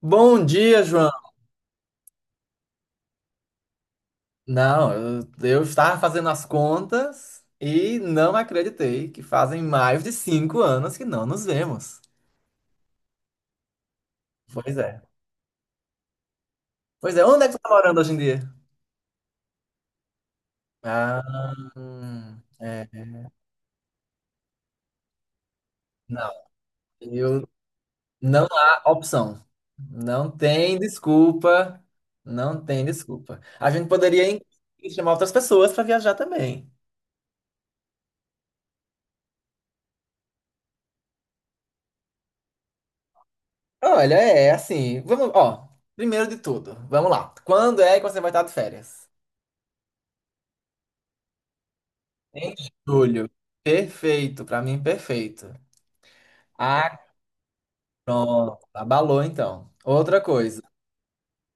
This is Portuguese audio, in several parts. Bom dia, João. Não, eu estava fazendo as contas e não acreditei que fazem mais de 5 anos que não nos vemos. Pois é. Pois é, onde é que você está morando hoje em dia? Ah, hum, é, não, eu, não há opção. Não tem desculpa. Não tem desculpa. A gente poderia inclusive, chamar outras pessoas para viajar também. Olha, é assim, vamos, ó, primeiro de tudo, vamos lá. Quando é que você vai estar de férias? Em julho. Perfeito, pra mim perfeito. Ah, pronto. Abalou então. Outra coisa.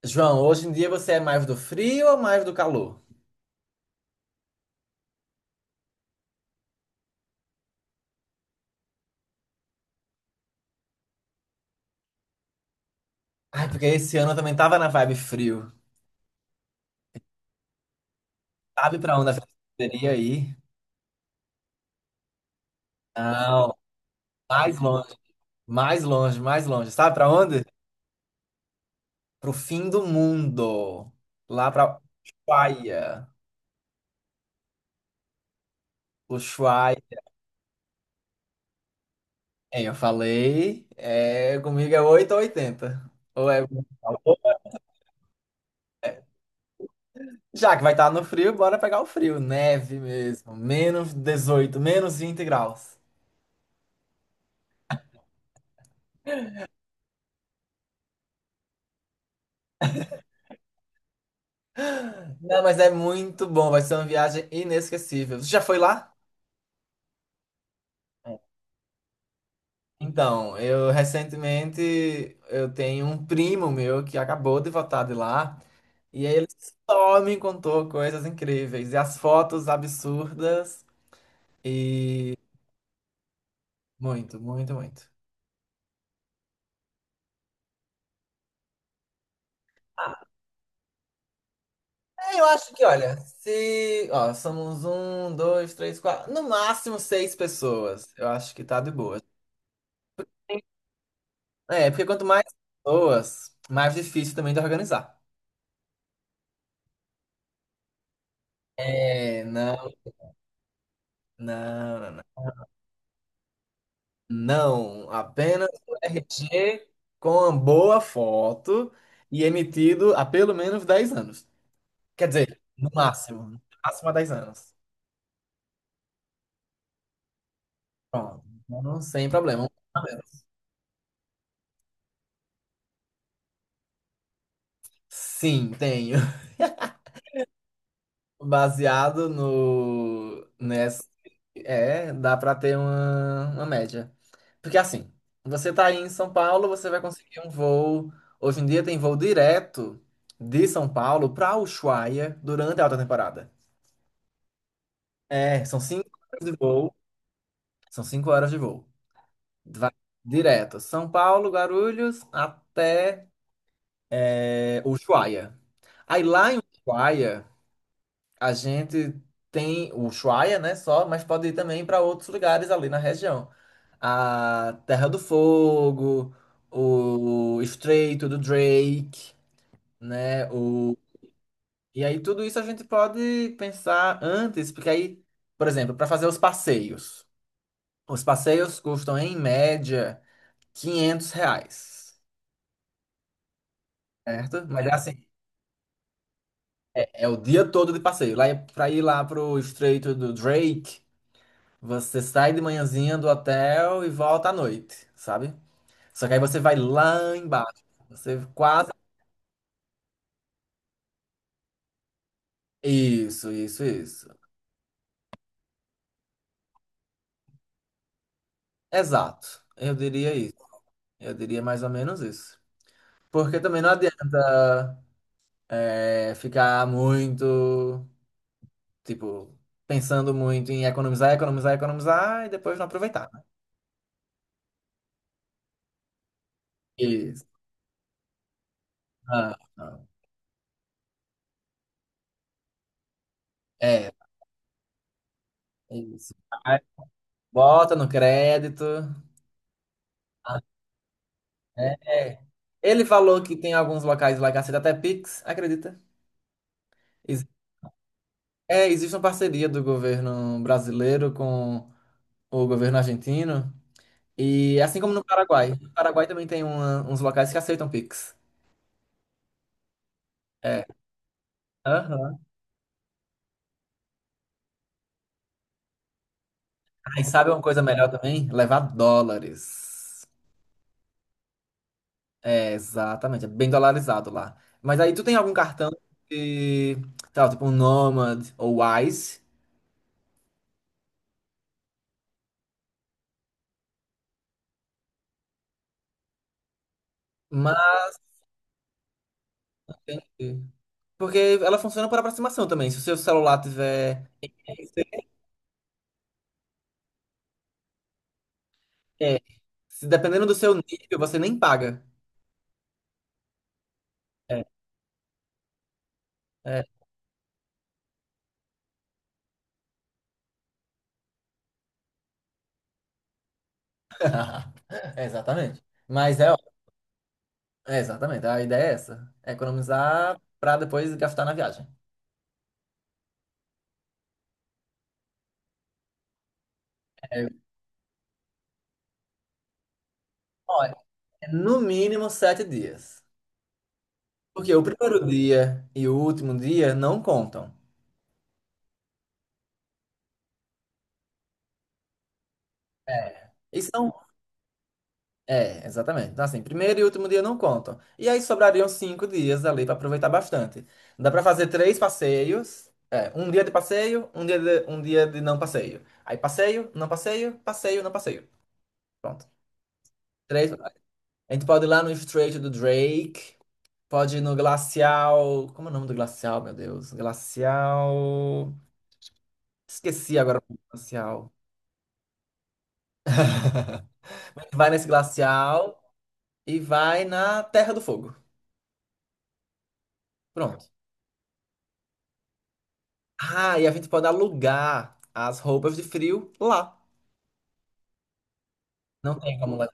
João, hoje em dia você é mais do frio ou mais do calor? Ai, porque esse ano eu também tava na vibe frio. Sabe pra onde a gente poderia ir? Não, mais longe, mais longe, mais longe. Sabe pra onde? Pro fim do mundo. Lá pra Ushuaia. Ushuaia. É, eu falei, é, comigo é 8 ou 80. Ou é muito calor. Já que vai estar no frio, bora pegar o frio. Neve mesmo. Menos 18, menos 20 graus. Não, mas é muito bom. Vai ser uma viagem inesquecível. Você já foi lá? Então, eu recentemente eu tenho um primo meu que acabou de voltar de lá. E ele só me contou coisas incríveis. E as fotos absurdas. E muito, muito, muito. É, eu acho que, olha, se. Ó, somos um, dois, três, quatro. No máximo seis pessoas. Eu acho que tá de boa. É, porque quanto mais pessoas, mais difícil também de organizar. É, não, não. Não, apenas o RG com uma boa foto e emitido há pelo menos 10 anos. Quer dizer, no máximo, no máximo há 10 anos. Pronto, não sem problema. Sim, tenho. Baseado no, é, dá pra ter uma média. Porque assim, você tá aí em São Paulo, você vai conseguir um voo. Hoje em dia tem voo direto de São Paulo pra Ushuaia durante a alta temporada. É, são 5 horas de voo. São cinco horas de voo. Vai direto. São Paulo, Guarulhos, até Ushuaia. Aí lá em Ushuaia. A gente tem o Ushuaia, né, só, mas pode ir também para outros lugares ali na região. A Terra do Fogo, o Estreito do Drake, né, o... E aí tudo isso a gente pode pensar antes, porque aí, por exemplo, para fazer os passeios. Os passeios custam, em média, 500 reais, certo? Mas é assim, é o dia todo de passeio. Lá, para ir lá pro Estreito do Drake, você sai de manhãzinha do hotel e volta à noite, sabe? Só que aí você vai lá embaixo. Você quase. Isso, isso, isso. Exato. Eu diria isso. Eu diria mais ou menos isso. Porque também não adianta ficar muito, tipo, pensando muito em economizar, economizar, economizar e depois não aproveitar, né? Isso. Não, não. É, é isso. Aí bota no crédito. É. Ele falou que tem alguns locais lá que aceita até Pix, acredita? Ex- É, existe uma parceria do governo brasileiro com o governo argentino. E assim como no Paraguai. No Paraguai também tem uns locais que aceitam Pix. É. Aham. Aí sabe uma coisa melhor também? Levar dólares. É, exatamente. É bem dolarizado lá. Mas aí tu tem algum cartão de, sei lá, tipo um Nomad ou Wise? Mas. Porque ela funciona por aproximação também. Se o seu celular tiver. É, se dependendo do seu nível, você nem paga. É, é. Exatamente. Mas é, exatamente, a ideia é essa. É economizar para depois gastar na viagem. É, ó, é no mínimo 7 dias. Porque o primeiro dia e o último dia não contam. É. E são É, exatamente. Então, assim, primeiro e último dia não contam. E aí sobrariam 5 dias ali para aproveitar bastante. Dá para fazer três passeios. É, um dia de passeio, um dia de não passeio. Aí passeio, não passeio, passeio, não passeio. Pronto. Três. A gente pode ir lá no Estreito do Drake. Pode ir no Glacial. Como é o nome do glacial, meu Deus? Glacial. Esqueci agora o nome do glacial. A gente vai nesse glacial e vai na Terra do Fogo. Pronto. Ah, e a gente pode alugar as roupas de frio lá. Não tem como lá.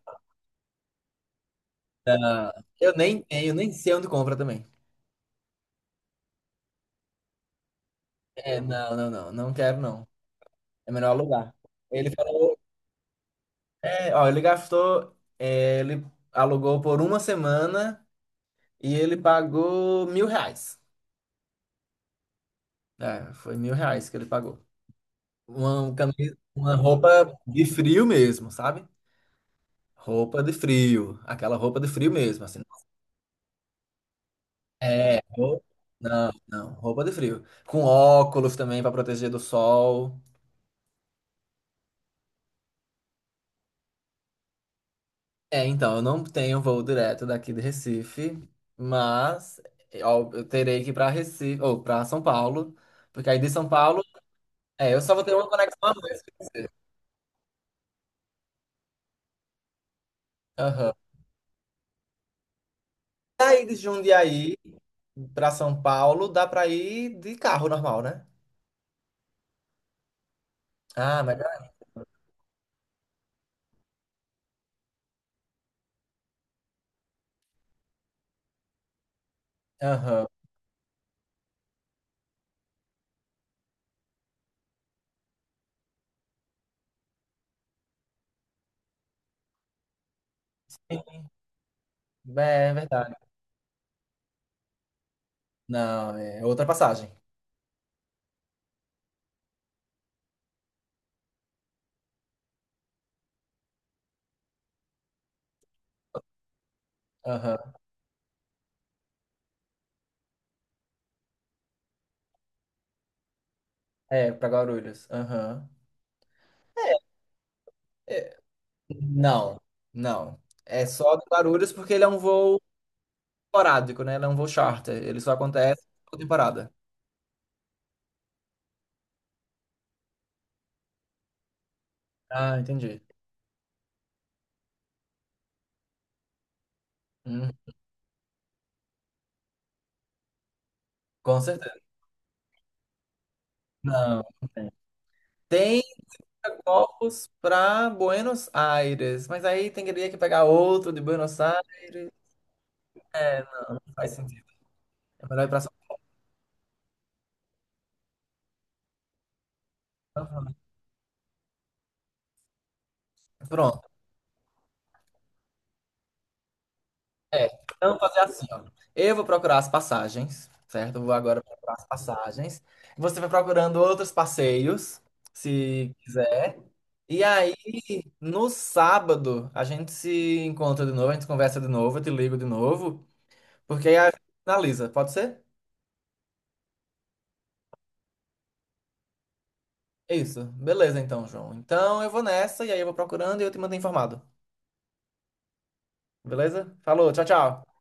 Não. Eu nem tenho, nem sei onde compra também. É, não, não, não. Não quero, não. É melhor alugar. Ele falou. É, ó, ele gastou. É, ele alugou por uma semana e ele pagou 1.000 reais. É, foi 1.000 reais que ele pagou. Uma camisa, uma roupa de frio mesmo, sabe? Roupa de frio. Aquela roupa de frio mesmo, assim. É, não, não, roupa de frio. Com óculos também para proteger do sol. É, então, eu não tenho voo direto daqui de Recife, mas ó, eu terei que ir para Recife, ou para São Paulo, porque aí de São Paulo, é, eu só vou ter uma conexão a mais, quer dizer. Aham. Daí de Jundiaí para São Paulo, dá para ir de carro normal, né? Ah, mas. Aham. É, é verdade. Não, é outra passagem. Aham. É, para Guarulhos. Aham. É, é, não, não. É só de Guarulhos porque ele é um voo esporádico, né? Ele é um voo charter. Ele só acontece por temporada. Ah, entendi. Hum, com certeza. Não, não tem. Tem Corpus para Buenos Aires, mas aí teria que pegar outro de Buenos Aires. É, não faz sentido. É melhor ir para São Paulo, né? Pronto. É. Então, vou fazer assim, ó. Eu vou procurar as passagens, certo? Eu vou agora procurar as passagens. Você vai procurando outros passeios, se quiser. E aí, no sábado, a gente se encontra de novo, a gente conversa de novo, eu te ligo de novo, porque aí a gente finaliza, pode ser? Isso. Beleza, então, João. Então eu vou nessa, e aí eu vou procurando e eu te mando informado. Beleza? Falou, tchau, tchau.